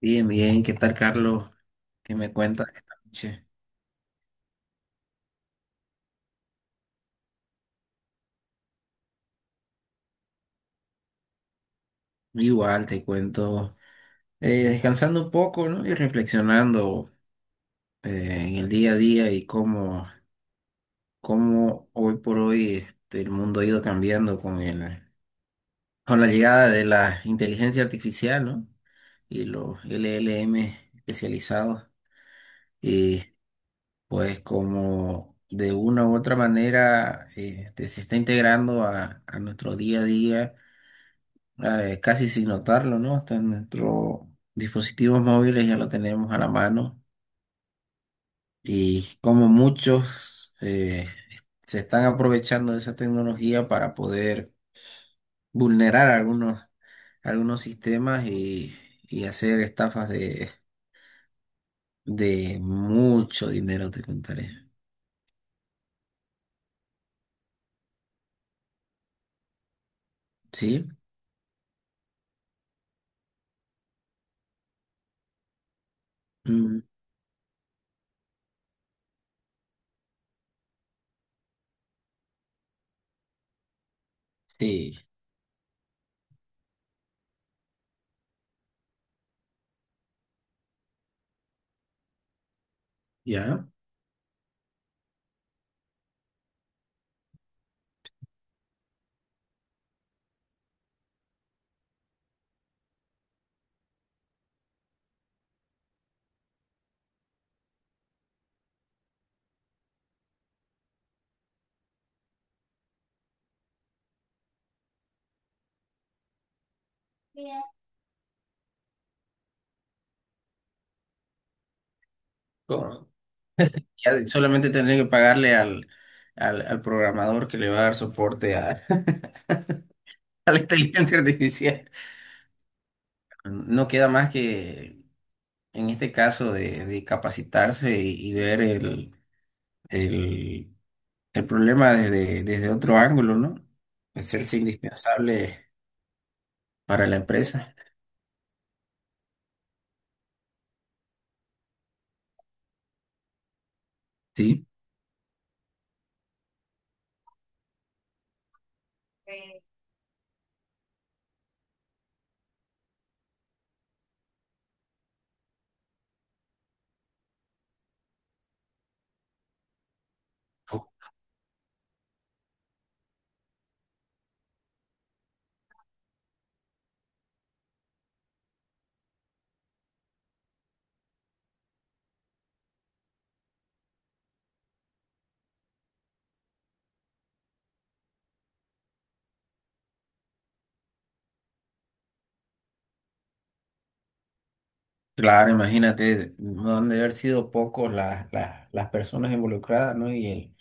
Bien, bien, ¿qué tal, Carlos? ¿Qué me cuentas esta noche? Igual te cuento, descansando un poco, ¿no? Y reflexionando en el día a día y cómo hoy por hoy el mundo ha ido cambiando con la llegada de la inteligencia artificial, ¿no? Y los LLM especializados. Y pues como de una u otra manera se está integrando a nuestro día a día casi sin notarlo, ¿no? Hasta en nuestros dispositivos móviles ya lo tenemos a la mano y como muchos se están aprovechando de esa tecnología para poder vulnerar algunos sistemas y hacer estafas de mucho dinero, te contaré. ¿Sí? Mm, sí. ¿Ya? Correcto. Ya solamente tendría que pagarle al programador que le va a dar soporte a, a la inteligencia artificial. No queda más que en este caso, de capacitarse y ver el, el problema desde, desde otro ángulo, ¿no? Hacerse indispensable para la empresa. Sí, claro, imagínate, no han de haber sido pocos las personas involucradas, ¿no?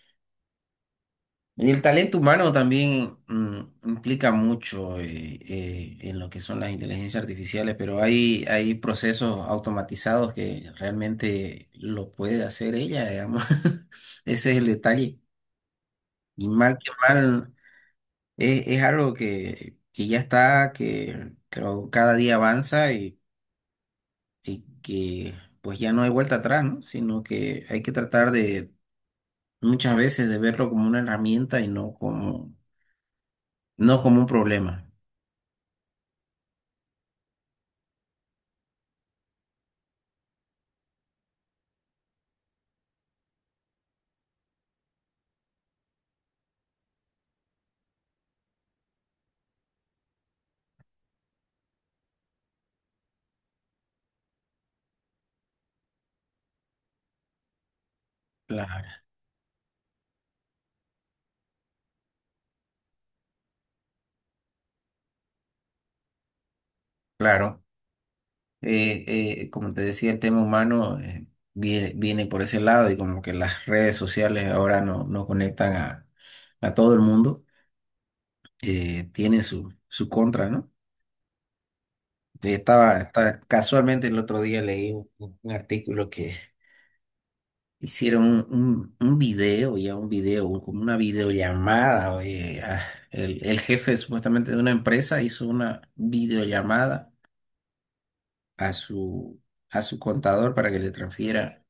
Y el talento humano también implica mucho en lo que son las inteligencias artificiales, pero hay procesos automatizados que realmente lo puede hacer ella, digamos. Ese es el detalle. Y mal que mal, es algo que ya está, que cada día avanza y que pues ya no hay vuelta atrás, ¿no? Sino que hay que tratar de muchas veces de verlo como una herramienta y no como un problema. Claro. Claro, eh, como te decía, el tema humano viene por ese lado y como que las redes sociales ahora no conectan a todo el mundo, tienen su, su contra, ¿no? Casualmente el otro día leí un artículo que hicieron un video, ya un video, como una videollamada, oye, el jefe supuestamente de una empresa hizo una videollamada a su, a su contador para que le transfiera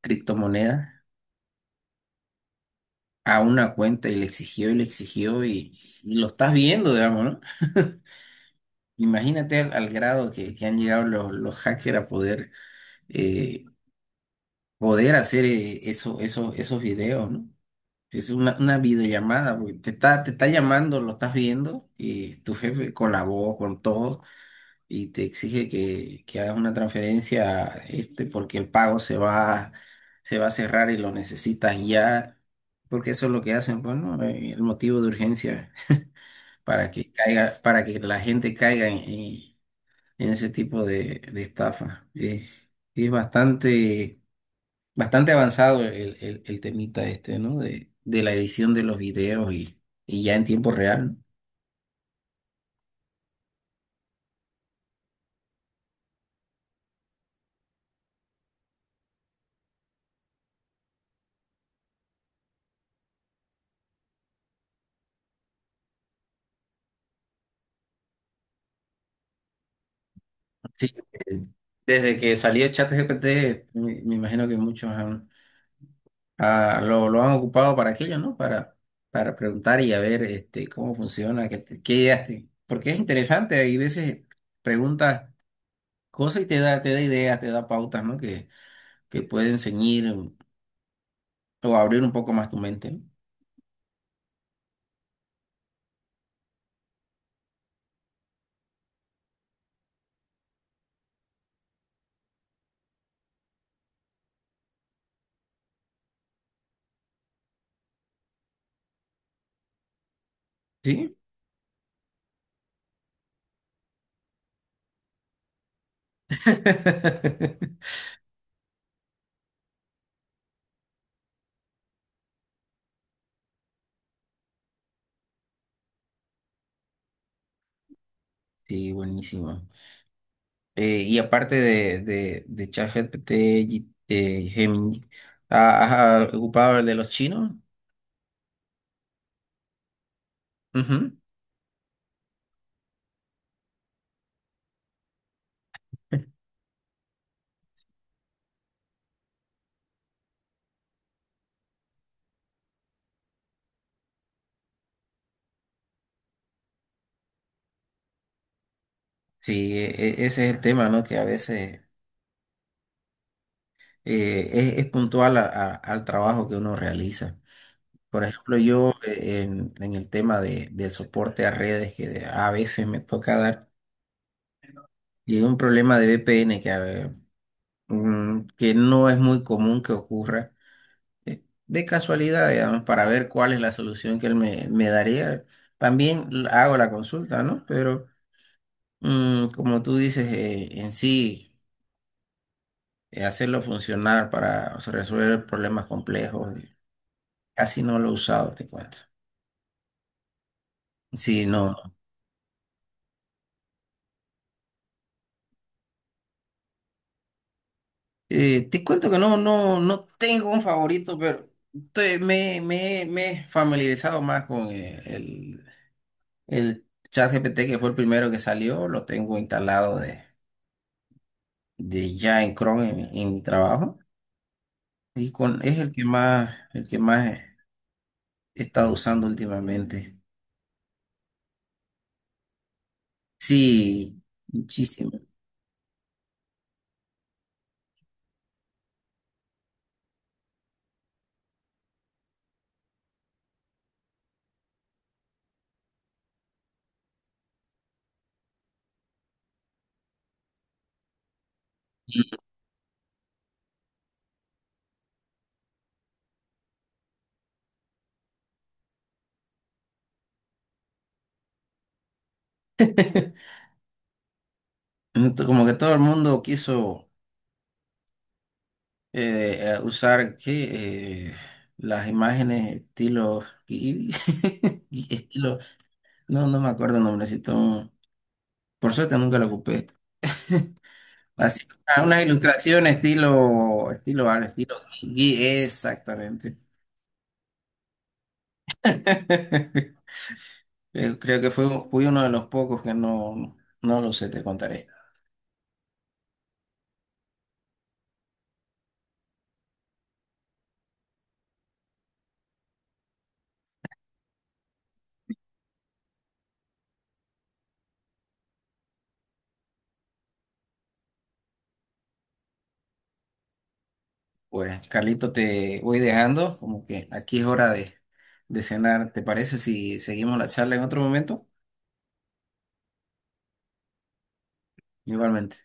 criptomoneda a una cuenta y le exigió y le exigió y lo estás viendo, digamos, ¿no? Imagínate al grado que han llegado los hackers a poder, eh, poder hacer esos videos, ¿no? Es una videollamada, porque te está llamando, lo estás viendo y tu jefe con la voz, con todo. Y te exige que hagas una transferencia porque el pago se va a cerrar y lo necesitas ya, porque eso es lo que hacen, pues, ¿no? El motivo de urgencia, para que caiga, para que la gente caiga en ese tipo de estafa. Es bastante, bastante avanzado el temita este, ¿no? De la edición de los videos y ya en tiempo real. ¿No? Sí, eh, desde que salió ChatGPT, me imagino que muchos lo han ocupado para aquello, ¿no? Para preguntar y a ver este, cómo funciona, qué ideas porque es interesante, hay veces preguntas cosas y te da ideas, te da pautas, ¿no? Que pueden ceñir o abrir un poco más tu mente, ¿no? ¿Sí? Sí, buenísimo. Y aparte de ChatGPT, Gemini, ¿has ocupado el de los chinos? Ujú. Sí, ese es el tema, ¿no? Que a veces... es puntual al trabajo que uno realiza. Por ejemplo, yo en el tema del soporte a redes que a veces me toca dar, y un problema de VPN que no es muy común que ocurra, de casualidad, digamos, para ver cuál es la solución que él me daría. También hago la consulta, ¿no? Pero mm, como tú dices, en sí, hacerlo funcionar para o sea, resolver problemas complejos. Eh, casi no lo he usado, te cuento. Sí, no. Te cuento que no tengo un favorito, pero me he familiarizado más con el ChatGPT que fue el primero que salió. Lo tengo instalado de ya en Chrome en mi trabajo. Y con, es el que más he estado usando últimamente. Sí, muchísimo. Como que todo el mundo quiso. Eh, a usar ¿qué? Las imágenes y estilo no no me acuerdo el nombrecito, por suerte nunca lo ocupé, así ah, unas ilustraciones estilo estilo al estilo exactamente. Creo que fue fui uno de los pocos que no, no lo sé, te contaré. Pues Carlito, te voy dejando, como que aquí es hora de cenar. ¿Te parece si seguimos la charla en otro momento? Igualmente.